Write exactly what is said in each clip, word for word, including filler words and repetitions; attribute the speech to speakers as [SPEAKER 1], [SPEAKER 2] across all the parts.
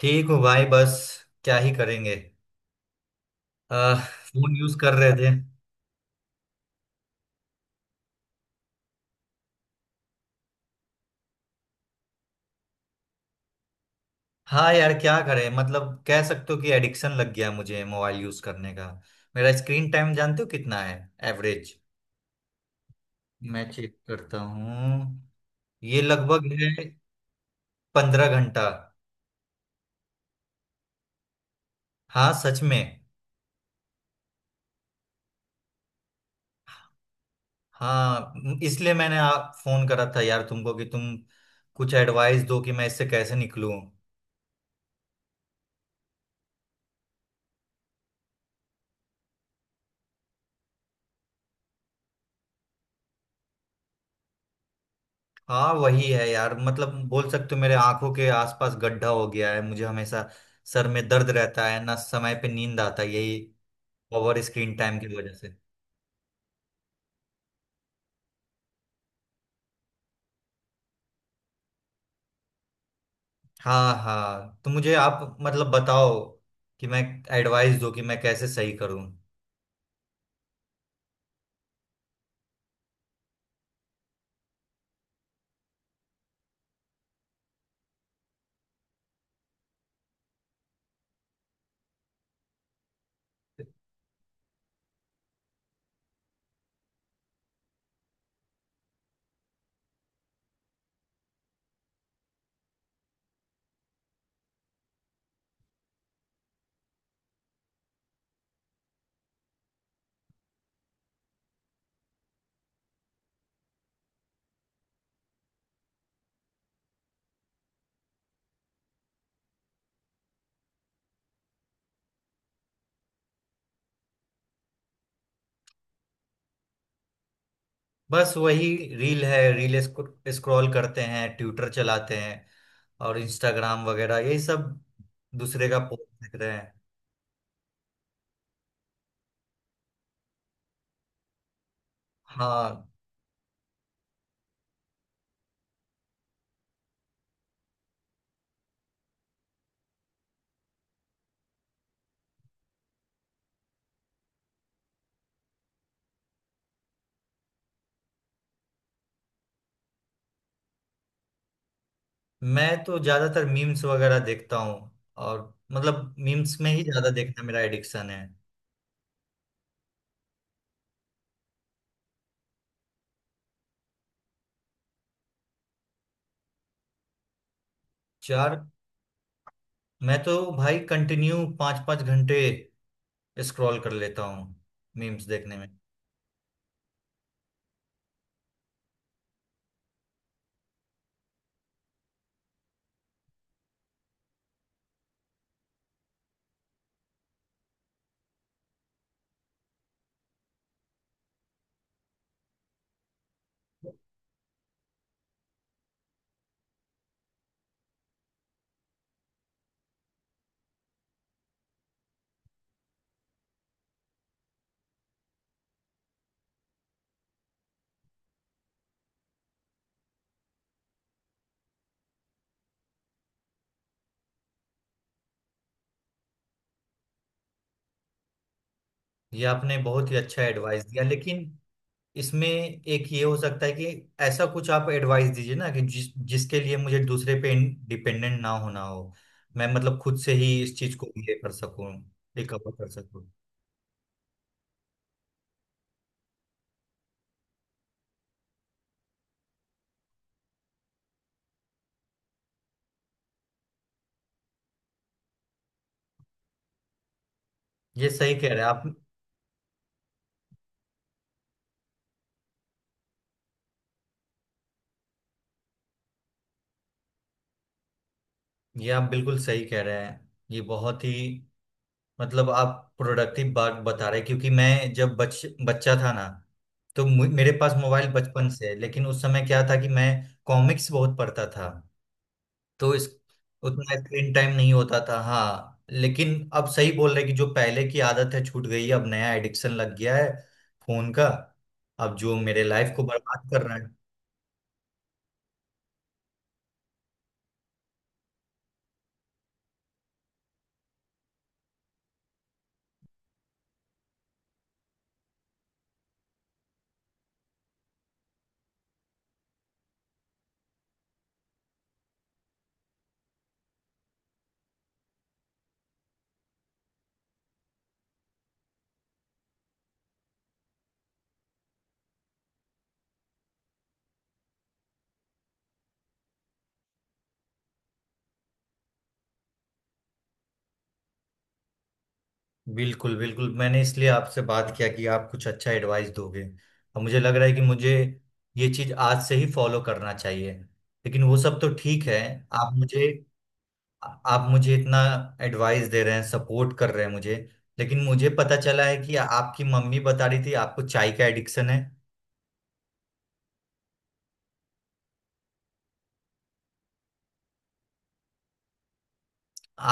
[SPEAKER 1] ठीक हूँ भाई बस क्या ही करेंगे। आ, फोन यूज कर रहे थे। हाँ यार क्या करें, मतलब कह सकते हो कि एडिक्शन लग गया मुझे मोबाइल यूज करने का। मेरा स्क्रीन टाइम जानते हो कितना है एवरेज? मैं चेक करता हूँ, ये लगभग है पंद्रह घंटा। हाँ सच में। हाँ म- इसलिए मैंने आप फोन करा था यार तुमको कि तुम कुछ एडवाइस दो कि मैं इससे कैसे निकलूं। हाँ वही है यार, मतलब बोल सकते हो मेरे आंखों के आसपास गड्ढा हो गया है, मुझे हमेशा सर में दर्द रहता है, ना समय पे नींद आता है, यही ओवर स्क्रीन टाइम की वजह से। हाँ हाँ, तो मुझे आप मतलब बताओ कि मैं एडवाइस दो कि मैं कैसे सही करूं। बस वही, रील है रील, स्क्रॉल करते हैं, ट्विटर चलाते हैं और इंस्टाग्राम वगैरह यही सब, दूसरे का पोस्ट देख रहे हैं। हाँ, मैं तो ज्यादातर मीम्स वगैरह देखता हूँ, और मतलब मीम्स में ही ज्यादा देखना मेरा एडिक्शन है। चार? मैं तो भाई कंटिन्यू पाँच पाँच घंटे स्क्रॉल कर लेता हूँ मीम्स देखने में। ये आपने बहुत ही अच्छा एडवाइस दिया, लेकिन इसमें एक ये हो सकता है कि ऐसा कुछ आप एडवाइस दीजिए ना कि जिस जिसके लिए मुझे दूसरे पे डिपेंडेंट ना होना हो। मैं मतलब खुद से ही इस चीज को ये कर सकूँ, रिकवर कर सकूँ। ये सही कह रहे हैं आप। ये आप बिल्कुल सही कह रहे हैं, ये बहुत ही मतलब आप प्रोडक्टिव बात बता रहे हैं, क्योंकि मैं जब बच बच्चा था ना, तो मु- मेरे पास मोबाइल बचपन से है, लेकिन उस समय क्या था कि मैं कॉमिक्स बहुत पढ़ता था, तो इस उतना स्क्रीन टाइम नहीं होता था। हाँ लेकिन अब सही बोल रहे हैं कि जो पहले की आदत है छूट गई है, अब नया एडिक्शन लग गया है फोन का, अब जो मेरे लाइफ को बर्बाद कर रहा है। बिल्कुल बिल्कुल, मैंने इसलिए आपसे बात किया कि आप कुछ अच्छा एडवाइस दोगे, और मुझे लग रहा है कि मुझे ये चीज आज से ही फॉलो करना चाहिए। लेकिन वो सब तो ठीक है। आप मुझे आप मुझे इतना एडवाइस दे रहे हैं, सपोर्ट कर रहे हैं मुझे, लेकिन मुझे पता चला है कि आपकी मम्मी बता रही थी आपको चाय का एडिक्शन है।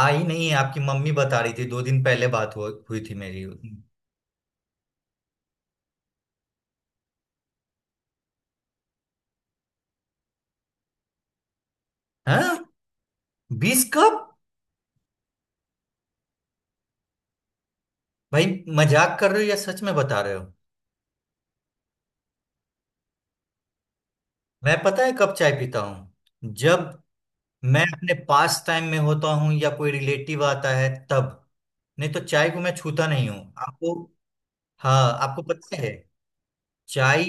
[SPEAKER 1] आ ही नहीं है, आपकी मम्मी बता रही थी, दो दिन पहले बात हुई हुई थी मेरी। हाँ, बीस कप? भाई मजाक कर रहे हो या सच में बता रहे हो? मैं पता है कब चाय पीता हूँ? जब मैं अपने पास टाइम में होता हूँ या कोई रिलेटिव आता है तब, नहीं तो चाय को मैं छूता नहीं हूँ। आपको, हाँ आपको पता है, चाय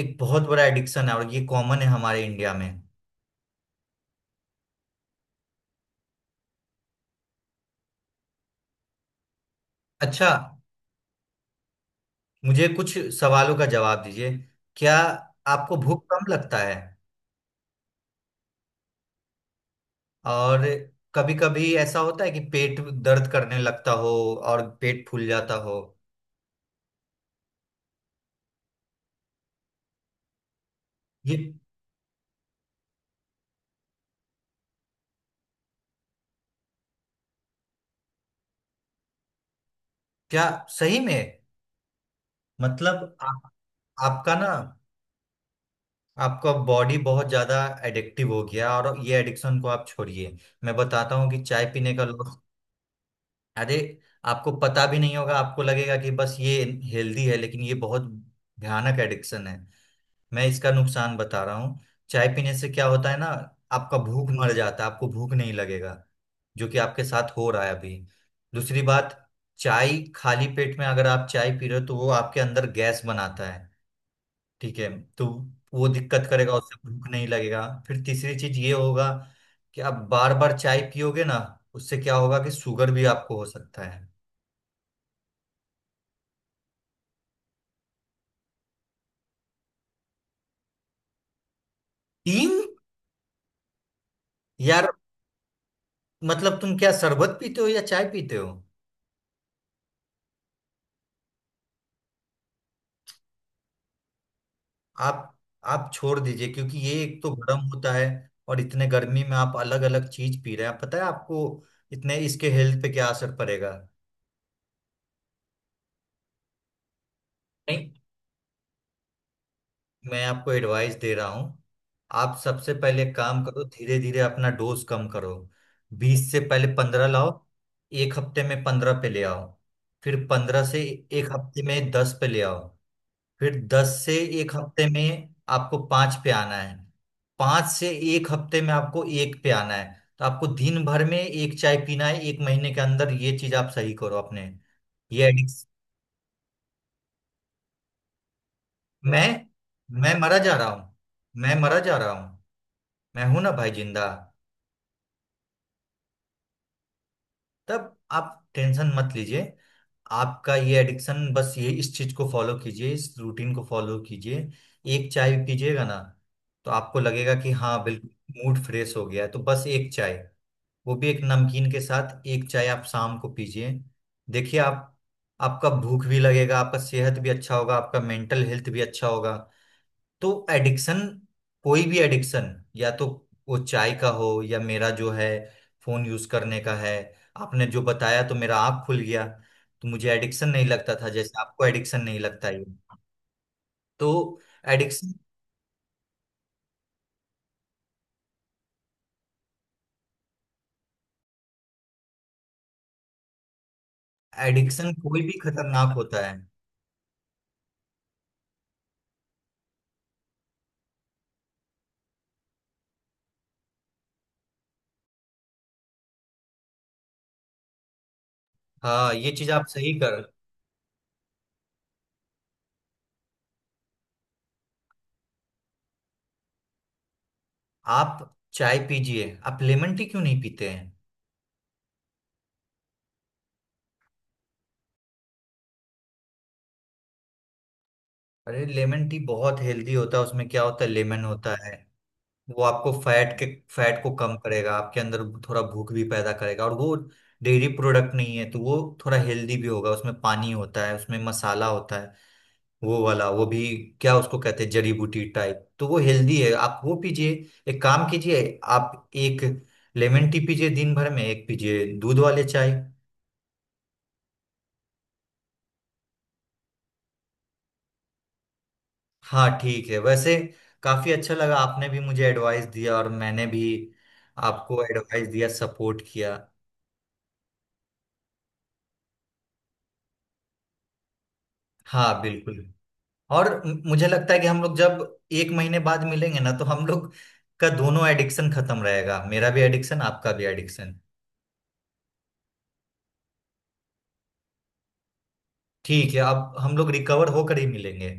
[SPEAKER 1] एक बहुत बड़ा एडिक्शन है, और ये कॉमन है हमारे इंडिया में। अच्छा, मुझे कुछ सवालों का जवाब दीजिए। क्या आपको भूख कम लगता है? और कभी कभी ऐसा होता है कि पेट दर्द करने लगता हो और पेट फूल जाता हो? ये क्या सही में, मतलब आप, आपका ना आपका बॉडी बहुत ज्यादा एडिक्टिव हो गया, और ये एडिक्शन को आप छोड़िए। मैं बताता हूँ कि चाय पीने का लॉस, अरे आपको पता भी नहीं होगा, आपको लगेगा कि बस ये हेल्दी है, लेकिन ये बहुत भयानक एडिक्शन है। मैं इसका नुकसान बता रहा हूँ। चाय पीने से क्या होता है ना, आपका भूख मर जाता है, आपको भूख नहीं लगेगा, जो कि आपके साथ हो रहा है अभी। दूसरी बात, चाय खाली पेट में अगर आप चाय पी रहे हो, तो वो आपके अंदर गैस बनाता है। ठीक है, तो वो दिक्कत करेगा, उससे भूख नहीं लगेगा। फिर तीसरी चीज ये होगा कि आप बार बार चाय पियोगे ना, उससे क्या होगा कि शुगर भी आपको हो सकता है। तीन? यार मतलब तुम क्या शरबत पीते हो या चाय पीते हो? आप आप छोड़ दीजिए, क्योंकि ये एक तो गर्म होता है, और इतने गर्मी में आप अलग अलग चीज पी रहे हैं, पता है आपको इतने इसके हेल्थ पे क्या असर पड़ेगा? नहीं, मैं आपको एडवाइस दे रहा हूँ, आप सबसे पहले एक काम करो, धीरे धीरे अपना डोज कम करो। बीस से पहले पंद्रह लाओ, एक हफ्ते में पंद्रह पे ले आओ। फिर पंद्रह से एक हफ्ते में दस पे ले आओ। फिर दस से एक हफ्ते में आपको पाँच पे आना है। पाँच से एक हफ्ते में आपको एक पे आना है। तो आपको दिन भर में एक चाय पीना है, एक महीने के अंदर ये चीज आप सही करो अपने। ये एडिक्स मैं मैं मरा जा रहा हूँ, मैं मरा जा रहा हूँ। मैं हूं ना भाई जिंदा। तब आप टेंशन मत लीजिए। आपका ये एडिक्शन, बस ये इस चीज को फॉलो कीजिए, इस रूटीन को फॉलो कीजिए। एक चाय पीजिएगा ना, तो आपको लगेगा कि हाँ बिल्कुल मूड फ्रेश हो गया है, तो बस एक चाय, वो भी एक नमकीन के साथ एक चाय आप शाम को पीजिए। देखिए आप, आपका भूख भी लगेगा, आपका सेहत भी अच्छा होगा, आपका मेंटल हेल्थ भी अच्छा होगा। तो एडिक्शन, कोई भी एडिक्शन, या तो वो चाय का हो या मेरा जो है फोन यूज करने का है, आपने जो बताया तो मेरा आँख खुल गया। तो मुझे एडिक्शन नहीं लगता था, जैसे आपको एडिक्शन नहीं लगता ये। तो एडिक्शन, एडिक्शन कोई भी खतरनाक होता है। हाँ ये चीज आप सही कर। आप चाय पीजिए, आप लेमन टी क्यों नहीं पीते हैं? अरे लेमन टी बहुत हेल्दी होता है, उसमें क्या होता है, लेमन होता है, वो आपको फैट के फैट को कम करेगा आपके अंदर, थोड़ा भूख भी पैदा करेगा, और वो डेयरी प्रोडक्ट नहीं है, तो वो थोड़ा हेल्दी भी होगा। उसमें पानी होता है, उसमें मसाला होता है, वो वाला, वो भी क्या उसको कहते हैं, जड़ी बूटी टाइप, तो वो हेल्दी है, आप वो पीजिए। एक काम कीजिए, आप एक लेमन टी पीजिए, दिन भर में एक पीजिए, दूध वाले चाय। हाँ ठीक है, वैसे काफी अच्छा लगा, आपने भी मुझे एडवाइस दिया और मैंने भी आपको एडवाइस दिया, सपोर्ट किया। हाँ बिल्कुल। और म- मुझे लगता है कि हम लोग जब एक महीने बाद मिलेंगे ना, तो हम लोग का दोनों एडिक्शन खत्म रहेगा, मेरा भी एडिक्शन आपका भी एडिक्शन। ठीक है, अब हम लोग रिकवर होकर ही मिलेंगे।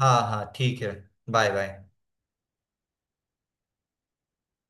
[SPEAKER 1] हाँ हाँ ठीक है। Bye bye.